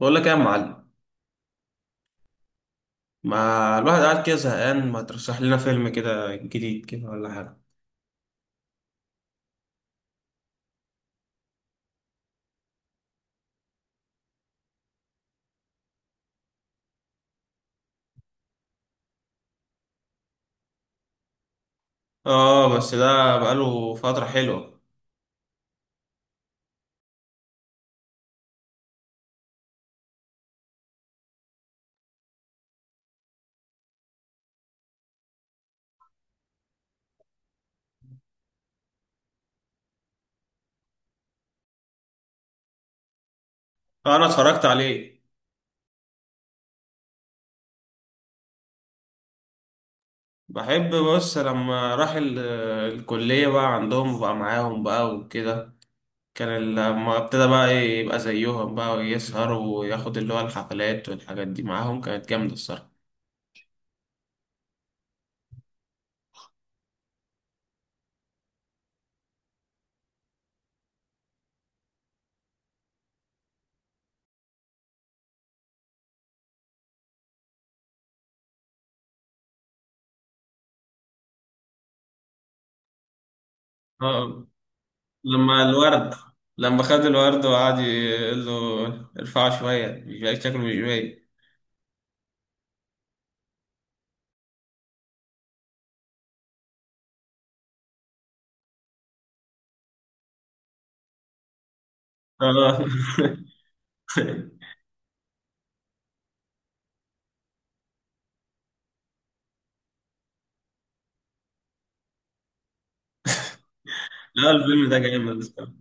بقول لك ايه يا معلم؟ ما الواحد قاعد كده زهقان، ما ترشح لنا فيلم كده جديد كده ولا حاجه؟ اه، بس ده بقاله فتره حلوه. انا اتفرجت عليه. بحب، بص لما راح الكليه بقى، عندهم بقى معاهم بقى وكده. كان لما ابتدى بقى إيه، يبقى زيهم بقى ويسهر وياخد اللي هو الحفلات والحاجات دي معاهم، كانت جامده الصراحه. اه، لما الورد، لما خد الورد وقعد يقول له ارفعه شويه، مش شكله مش باين. اه. لا، الفيلم ده جامد بصراحة.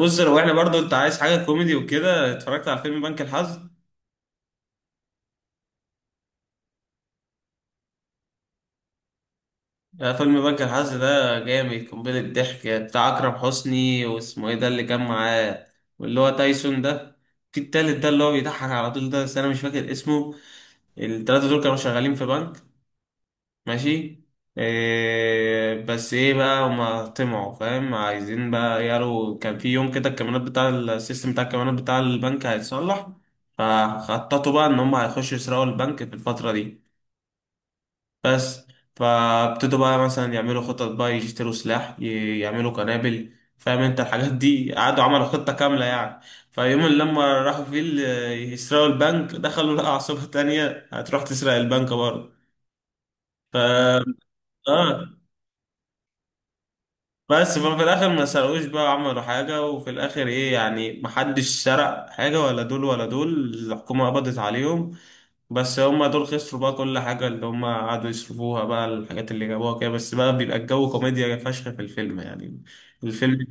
بص، لو احنا برضو انت عايز حاجة كوميدي وكده، اتفرجت على فيلم بنك الحظ؟ لا، فيلم بنك الحظ ده جامد، قنبلة ضحك، بتاع أكرم حسني واسمه ايه ده اللي كان معاه، واللي هو تايسون ده، في التالت ده اللي هو بيضحك على طول ده، بس انا مش فاكر اسمه. التلاتة دول كانوا شغالين في بنك، ماشي. إيه بس ايه بقى، هما طمعوا فاهم، عايزين بقى، يارو كان في يوم كده الكاميرات بتاع السيستم بتاع الكاميرات بتاع البنك هيتصلح، فخططوا بقى ان هما هيخشوا يسرقوا البنك في الفترة دي بس. فابتدوا بقى مثلا يعملوا خطط بقى، يشتروا سلاح، يعملوا قنابل، فاهم انت الحاجات دي، قعدوا عملوا خطة كاملة يعني. فيوم اللي لما راحوا فيه يسرقوا البنك، دخلوا لقوا عصابة تانية هتروح تسرق البنك برضه. ف اه، بس في الاخر ما سرقوش بقى، عملوا حاجه وفي الاخر ايه، يعني محدش سرق حاجه، ولا دول ولا دول الحكومه قبضت عليهم. بس هما دول خسروا بقى كل حاجه اللي هما قعدوا يصرفوها بقى، الحاجات اللي جابوها كده بس بقى، بيبقى الجو كوميديا فشخ في الفيلم يعني. الفيلم.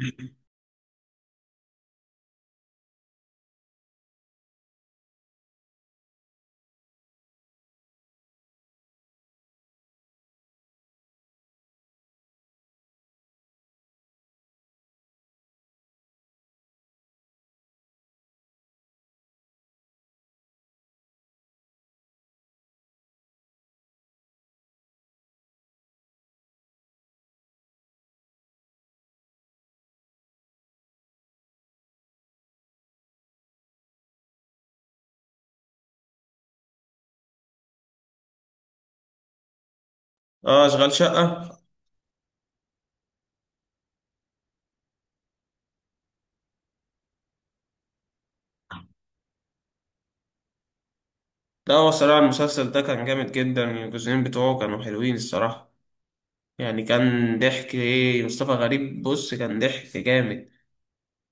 اه، اشغال شقه ده، هو الصراحه المسلسل ده كان جامد جدا، الجزئين بتوعه كانوا حلوين الصراحه. يعني كان ضحك، ايه مصطفى غريب، بص كان ضحك جامد،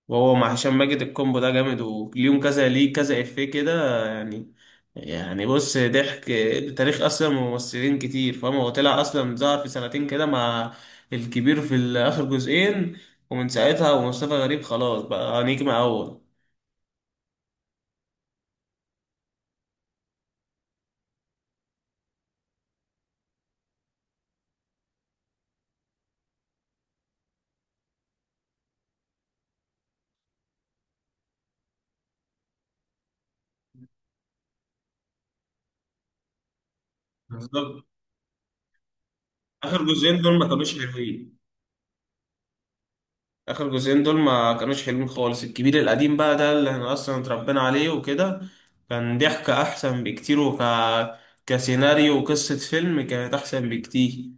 وهو مع هشام ماجد، الكومبو ده جامد، وليهم كذا ليه كذا افيه كده يعني. يعني بص ضحك، تاريخ اصلا ممثلين كتير فاهم، هو طلع اصلا ظهر في سنتين كده مع الكبير في اخر جزئين، ومن ساعتها ومصطفى غريب خلاص بقى نجم اول. بالظبط. اخر جزئين دول ما كانوش حلوين، اخر جزئين دول ما كانوش حلوين خالص. الكبير القديم بقى ده اللي احنا اصلا اتربينا عليه وكده، كان ضحكة احسن بكتير، كسيناريو وقصة فيلم كانت احسن بكتير.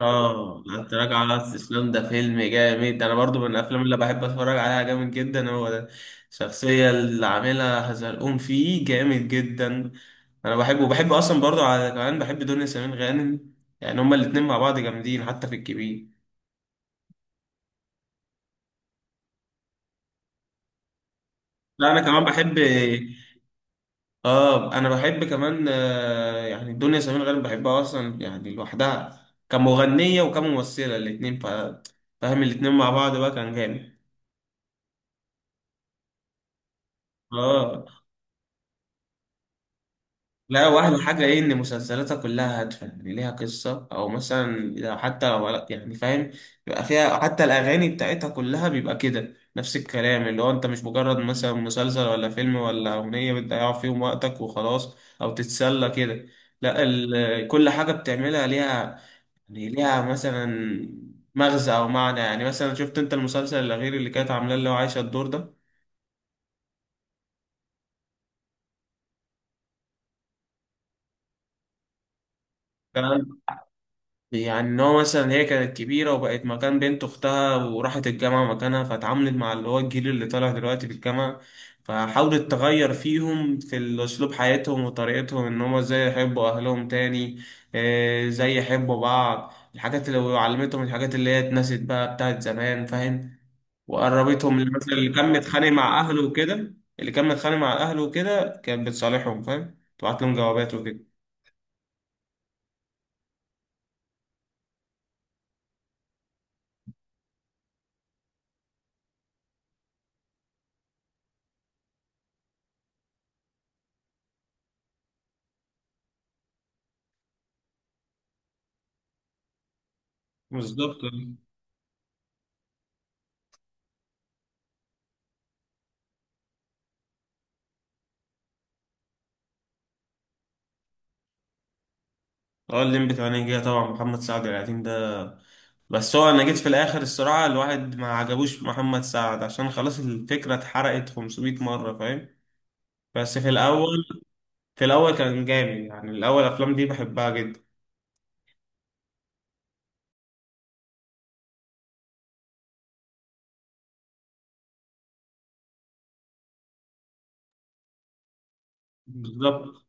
اه، انت راجع على الاستسلام ده فيلم جامد، انا برضو من الافلام اللي بحب اتفرج عليها جامد جدا هو ده. الشخصية اللي عاملها هزلقوم فيه جامد جدا. انا بحبه، وبحب اصلا برضو على كمان، بحب دنيا سمير غانم، يعني هما الاتنين مع بعض جامدين حتى في الكبير. لا، انا كمان بحب، اه، انا بحب كمان، يعني دنيا سمير غانم بحبها اصلا، يعني لوحدها كمغنيه وكممثله الاثنين فاهم، الاثنين مع بعض بقى كان جامد. اه. لا، واحلى حاجه ايه، ان مسلسلاتها كلها هادفه، يعني ليها قصه، او مثلا لو حتى لو يعني فاهم، بيبقى فيها حتى الاغاني بتاعتها كلها بيبقى كده نفس الكلام، اللي هو انت مش مجرد مثلا مسلسل ولا فيلم ولا اغنيه بتضيع فيهم وقتك وخلاص، او تتسلى كده. لا، كل حاجه بتعملها ليها يعني، ليها مثلا مغزى او معنى. يعني مثلا شفت انت المسلسل الاخير اللي كانت عاملاه اللي هو عايشه الدور ده؟ كان يعني ان هو مثلا، هي كانت كبيره وبقت مكان بنت اختها وراحت الجامعه مكانها، فاتعاملت مع اللي هو الجيل اللي طالع دلوقتي في الجامعه، فحاولت تغير فيهم في اسلوب حياتهم وطريقتهم، ان هم ازاي يحبوا اهلهم تاني، ازاي يحبوا بعض، الحاجات اللي وعلمتهم الحاجات اللي هي اتنست بقى بتاعت زمان فاهم، وقربتهم، اللي مثلا اللي كان متخانق مع اهله وكده، اللي كان متخانق مع اهله وكده كانت بتصالحهم فاهم، تبعت لهم جوابات وكده. بالظبط. اه، الليمبي 8 جيجا طبعا، محمد سعد القديم ده، بس هو انا جيت في الاخر الصراحه الواحد ما عجبوش محمد سعد، عشان خلاص الفكره اتحرقت 500 مره فاهم. بس في الاول، كان جامد يعني، الاول الافلام دي بحبها جدا. بالظبط.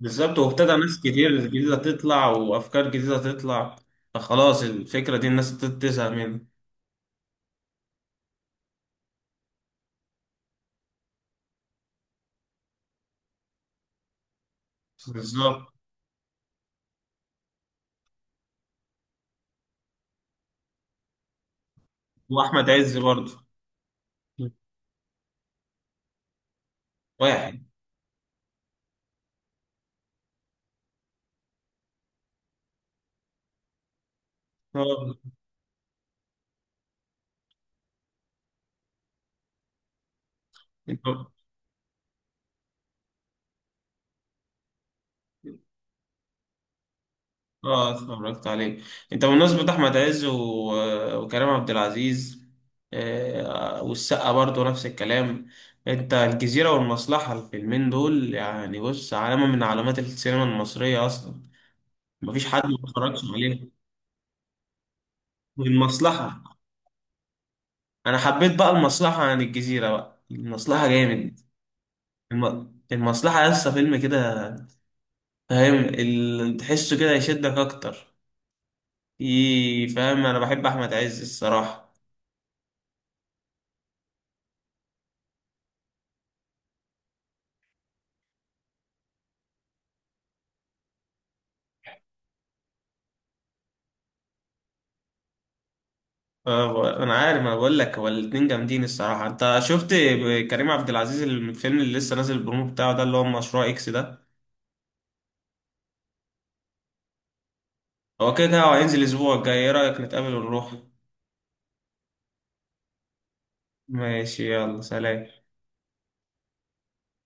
بالظبط، وابتدى ناس كتير جديده تطلع وافكار جديده تطلع، فخلاص الفكره دي الناس بتزهق منها. بالظبط. واحمد عز برضه، واحد. اه. انت، اه اتفرجت عليه. انت بمناسبة احمد عز و... وكريم عبد العزيز، والسقا برضه نفس الكلام، انت الجزيرة والمصلحة، الفيلمين دول يعني، بص علامة من علامات السينما المصرية اصلا، مفيش حد ما اتفرجش عليه. والمصلحة، انا حبيت بقى المصلحة عن الجزيرة، بقى المصلحة جامد. المصلحة لسه فيلم كده فاهم، تحسه كده يشدك اكتر، فاهم انا بحب احمد عز الصراحه. انا عارف، انا بقول لك هو الاتنين جامدين الصراحه. انت شفت كريم عبد العزيز الفيلم اللي لسه نازل البرومو بتاعه ده اللي هو مشروع اكس ده؟ هو كده كده هو هينزل الاسبوع الجاي، ايه رايك نتقابل ونروح؟ ماشي، يلا سلام.